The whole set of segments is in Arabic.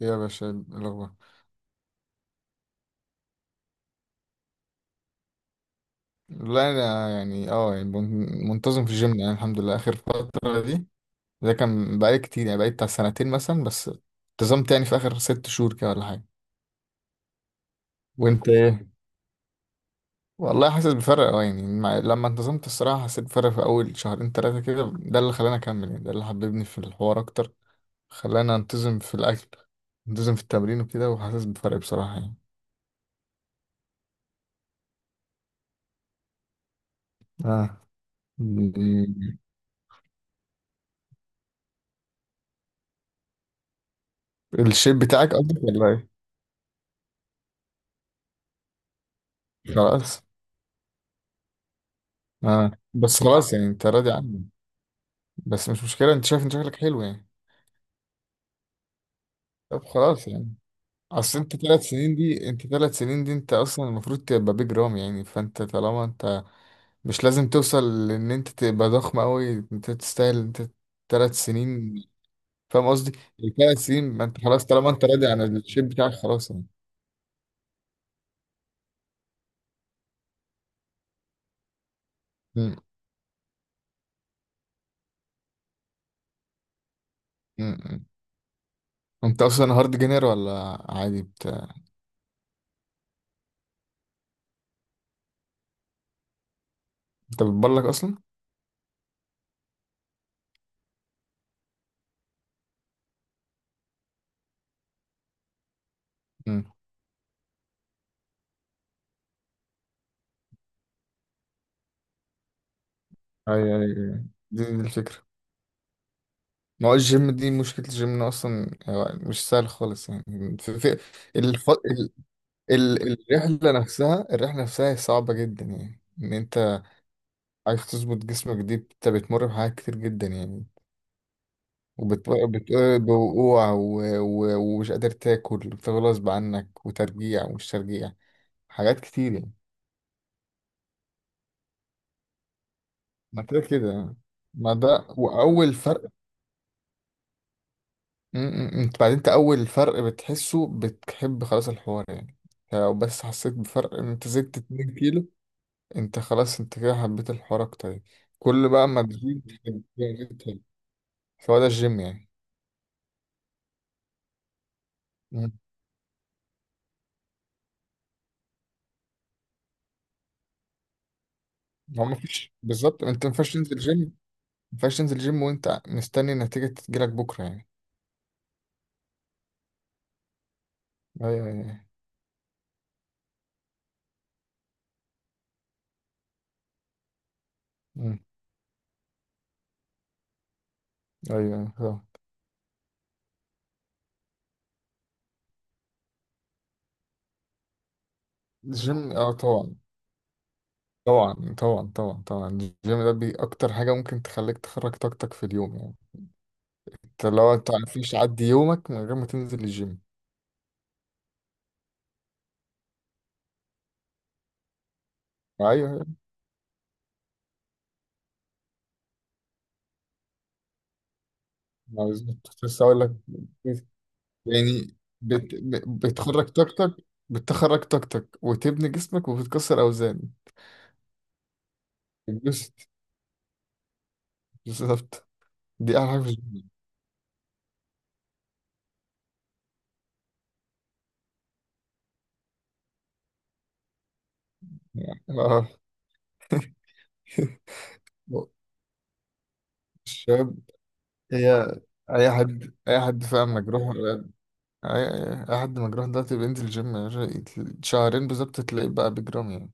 يا باشا الأخبار. لا، أنا يعني يعني منتظم في الجيم، يعني الحمد لله آخر فترة دي. ده كان بقالي كتير، يعني بقالي بتاع سنتين مثلا، بس انتظمت يعني في آخر 6 شهور كده ولا حاجة. وأنت إيه؟ والله حاسس بفرق، يعني لما انتظمت الصراحة حسيت بفرق في أول شهرين تلاتة كده، ده اللي خلاني أكمل يعني، ده اللي حببني في الحوار أكتر. خلاني أنتظم في الأكل، أنتظم في التمرين وكده، وحاسس بفرق بصراحة يعني. اه م- الشيب بتاعك قصدك ولا إيه؟ خلاص. اه بس خلاص يعني، انت راضي عني. بس مش مشكلة، انت شايف ان شكلك حلو يعني. طب خلاص يعني. اصل انت ثلاث سنين دي انت اصلا المفروض تبقى بيج رام يعني، فانت طالما انت مش لازم توصل، لان انت تبقى ضخم قوي، انت تستاهل. انت 3 سنين، فاهم قصدي. 3 سنين، ما انت خلاص طالما انت راضي عن الشيب بتاعك، خلاص يعني. م- م- م. انت اصلا هارد جينير ولا عادي بتاع؟ انت بتبلغ اصلا؟ امم ايوه، ايوه، أيوة. دي الفكرة. ما هو الجيم دي، مشكلة الجيم إنه أصلا هو مش سهل خالص يعني. في في الح... ال... الرحلة نفسها هي صعبة جدا يعني، إن أنت عايز تظبط جسمك، دي أنت بتمر بحاجات كتير جدا يعني. وبتوقع بوقوع، ومش قادر تاكل غصب عنك، وترجيع ومش ترجيع، حاجات كتير يعني. ما كده كده يعني. ما ده وأول فرق. انت بعدين، انت اول فرق بتحسه بتحب خلاص الحوار يعني. يعني لو بس حسيت بفرق ان انت زدت 2 كيلو، انت خلاص، انت كده حبيت الحوار اكتر يعني. كل بقى ما تزيد تحب، يعني تحب. فهو ده الجيم يعني. م. هو ما فيش بالظبط، انت ما ينفعش تنزل جيم وانت مستني النتيجة تجيلك بكرة يعني. ايوه، ايوه، أيوة. م. ايوه، أيوة، طبعا. الجيم، طبعا، طبعا، طبعا، طبعا، طبعا، الجيم ده بي اكتر حاجة ممكن تخليك تخرج طاقتك في اليوم يعني. انت لو انت مفيش عدي يومك من غير ما تنزل الجيم. ايوه، ما بالظبط كنت لسه اقول لك يعني. بت... ب- بتخرج طاقتك بتخرج طاقتك وتبني جسمك وبتكسر اوزان. بتبسط، بالظبط، دي احلى حاجه في الجيم يعني. اه الشباب، هي اي حد فاهم مجروح اي اي حد مجروح ده بينزل الجيم يا باشا، شهرين بالظبط تلاقيه بقى بجرام يعني.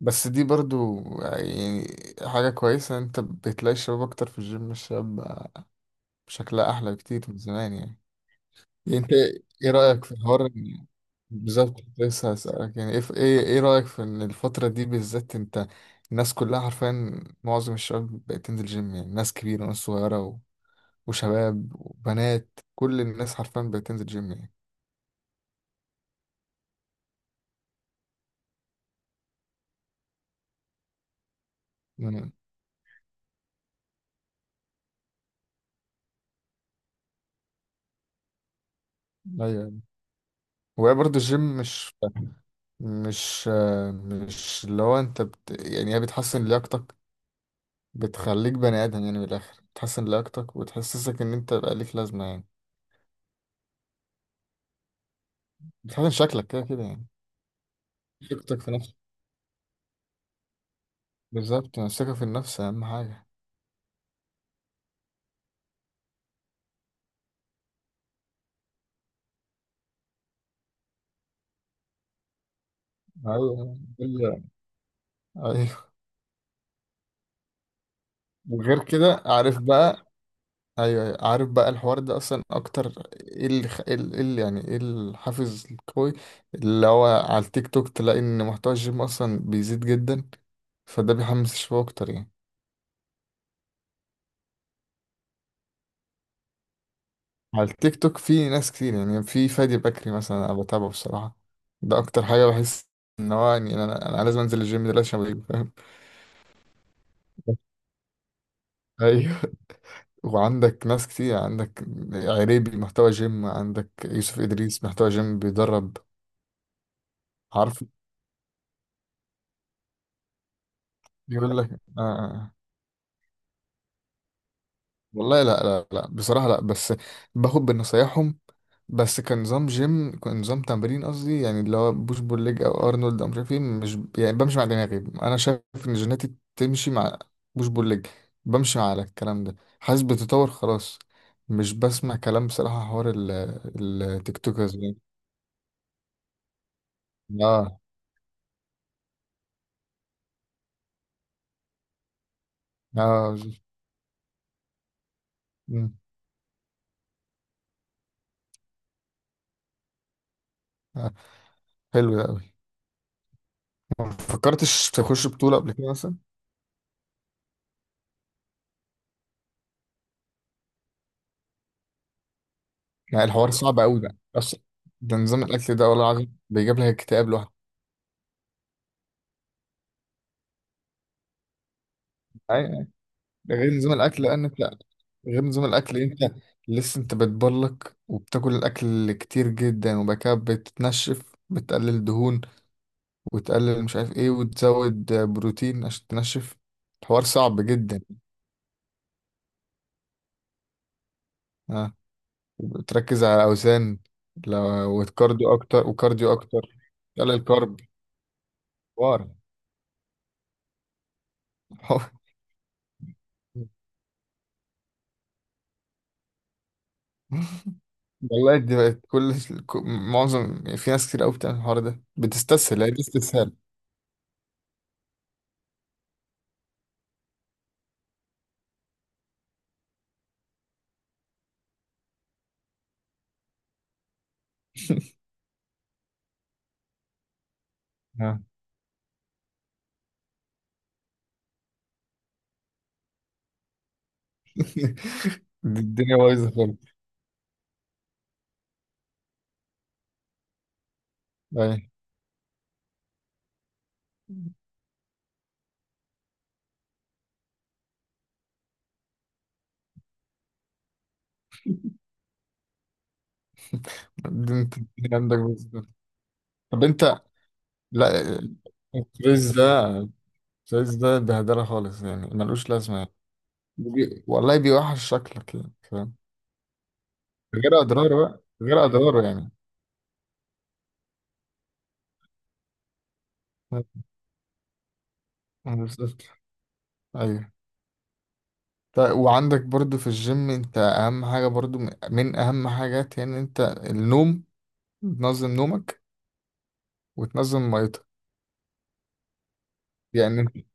بس دي برضو يعني حاجة كويسة، انت بتلاقي الشباب اكتر في الجيم. الشباب بقى شكلها احلى بكتير من زمان يعني. يعني انت، ايه رأيك في الحوار بالظبط كنت لسه هسألك يعني، ايه ايه إيه رأيك في ان الفترة دي بالذات انت. الناس كلها حرفيا معظم الشباب بقت تنزل جيم يعني، ناس كبيرة وناس صغيرة وشباب وبنات، كل الناس حرفيا بقت تنزل جيم يعني. مم. ايوه. وهي برضه الجيم مش، مش اللي هو انت يعني هي بتحسن لياقتك، بتخليك بني ادم يعني، من الاخر بتحسن لياقتك وتحسسك ان انت بقى ليك لازمه يعني. بتحسن شكلك كده كده يعني، ثقتك في نفسك. بالظبط، الثقه في النفس اهم حاجه. ايوه، ايوه. وغير كده عارف بقى؟ ايوه، أيوة. عارف بقى الحوار ده اصلا اكتر؟ ايه اللي خ... ايه اللي إيه اللي يعني، ايه الحافز القوي؟ اللي هو على التيك توك، تلاقي ان محتوى الجيم اصلا بيزيد جدا، فده بيحمس الشباب اكتر يعني. على التيك توك في ناس كتير يعني، في فادي بكري مثلا انا بتابعه بصراحه. ده اكتر حاجه بحس ان هو يعني، انا لازم انزل الجيم دلوقتي عشان فاهم. ايوه. وعندك ناس كتير، عندك عريبي محتوى جيم، عندك يوسف ادريس محتوى جيم بيدرب. عارف يقول لك. آه. آه. والله لا، لا، لا، بصراحة لا، بس باخد بنصايحهم. بس كنظام جيم، كنظام تمرين قصدي يعني، اللي هو بوش بول ليج او ارنولد او مش عارف ايه. مش يعني بمشي مع دماغي، انا شايف ان جيناتي تمشي مع بوش بول ليج، بمشي على الكلام ده حاسس بتطور خلاص، مش بسمع كلام بصراحة حوار التيك توكرز يعني. اه، اه. مم، آه، حلو ده قوي. ما فكرتش تخش بطولة قبل كده مثلا؟ يعني الحوار صعب قوي بقى اصلا، ده نظام الاكل ده، والله العظيم بيجيب لك اكتئاب لوحده. أي- غير نظام الاكل لان انت غير نظام الاكل انت لسه انت بتبلك وبتاكل الاكل كتير جدا، وبعد كده بتتنشف بتقلل دهون، وتقلل مش عارف ايه، وتزود بروتين عشان تنشف. الحوار صعب جدا. اه وتركز على الاوزان لو، وكارديو اكتر، وكارديو اكتر. تقلل كارب حوار. والله دي بقت كل. معظم، في ناس كتير قوي بتعمل الحوار ده بتستسهل، هي دي استسهال. دي الدنيا بايظه خالص. اي. دي انت الدنيا عندك بايظه خالص. طب انت. لا، الكويز ده الكويز ده بهدله خالص يعني، ملوش لازمه يعني. والله بيوحش شكلك يعني فاهم. غير اضراره بقى، غير اضراره يعني. أنا بالظبط. ايوه. طيب، وعندك برضو في الجيم، انت اهم حاجه برضو من اهم حاجات يعني، انت النوم، تنظم نومك وتنظم ميتك يعني.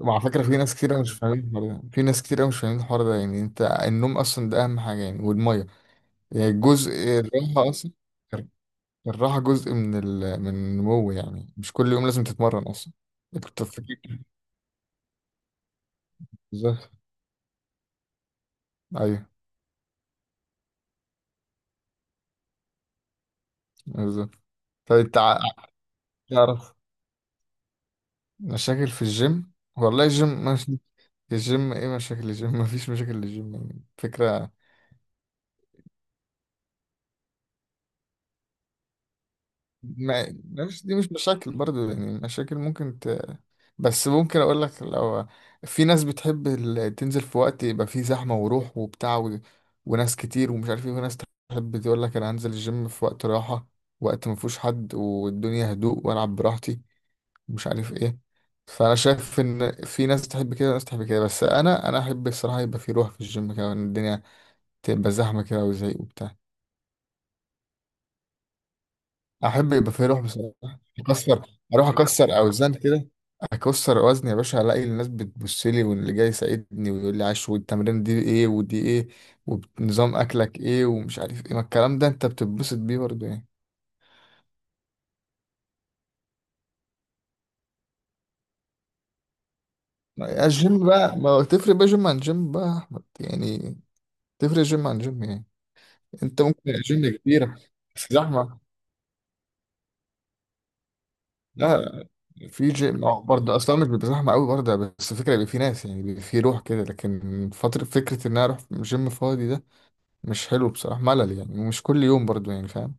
وعلى فكرة، في ناس كتير أوي مش فاهمين الحوار ده يعني، أنت النوم أصلا ده أهم حاجة يعني، والمية يعني، جزء الراحة أصلا. الراحة جزء من من النمو يعني، مش كل يوم لازم تتمرن أصلا. أنت كنت فاكر. بالظبط. أيوه. بالظبط. طب أنت تعرف مشاكل في الجيم؟ والله الجيم مش الجيم إيه مشاكل الجيم؟ مفيش مشاكل للجيم يعني فكرة. ما مش دي مش مشاكل برضو يعني، مشاكل ممكن بس ممكن اقول لك، لو في ناس بتحب تنزل في وقت يبقى فيه زحمة وروح وبتاع، وناس كتير ومش عارف ايه، وناس تحب تقول لك انا هنزل الجيم في وقت راحة، وقت ما فيهوش حد والدنيا هدوء والعب براحتي، ومش عارف ايه. فانا شايف ان في ناس تحب كده وناس تحب كده، بس انا احب الصراحة يبقى فيه روح في الجيم كده، وان الدنيا تبقى زحمة كده وزهق وبتاع. احب يبقى فيه روح بصراحه. اكسر اروح اكسر اوزان كده. اكسر وزن يا باشا، الاقي الناس بتبص لي واللي جاي يساعدني ويقول لي عاش، والتمرين دي ايه ودي ايه ونظام اكلك ايه ومش عارف ايه، ما الكلام ده انت بتتبسط بيه برضه يعني. الجيم بقى، ما هو تفرق بقى جيم عن جيم بقى يا أحمد، يعني تفرق جيم عن جيم يعني. انت ممكن الجيم كبيرة، بس زحمة. لا، في جيم برضه اصلا مش بيبقى زحمه قوي برضه، بس الفكره يبقى في ناس يعني بيبقى في روح كده، لكن فتره فكره ان انا اروح جيم فاضي ده مش حلو بصراحه، ملل يعني، ومش كل يوم برضه يعني فاهم.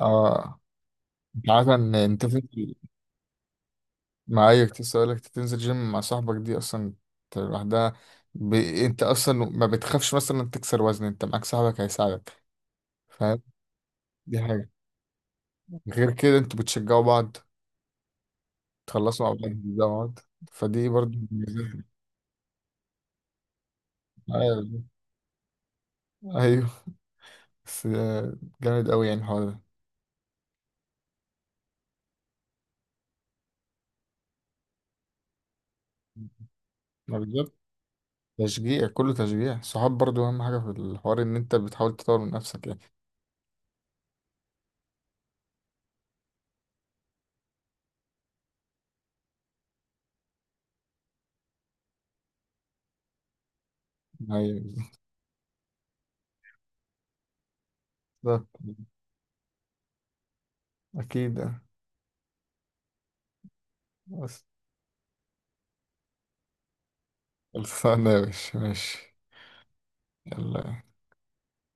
اه. انت عارف ان انت تنزل معايا؟ كنت لسه اقول لك تنزل جيم مع صاحبك، دي اصلا. أنت لوحدها، انت اصلا ما بتخافش مثلا تكسر وزن، انت معاك صاحبك هيساعدك فاهم. دي حاجه. غير كده، انتوا بتشجعوا بعض، تخلصوا مع بعض، تبدأوا مع بعض. فدي برضه ميزات. ايوه، أيوة. بس جامد قوي يعني الحوار ده. ما بالظبط، تشجيع، كله تشجيع صحاب برضو، أهم حاجة في الحوار إن أنت بتحاول تطور من نفسك يعني. أيوة، بالظبط، أكيد يعني. بس خلصانة يا باشا، ماشي، يلا.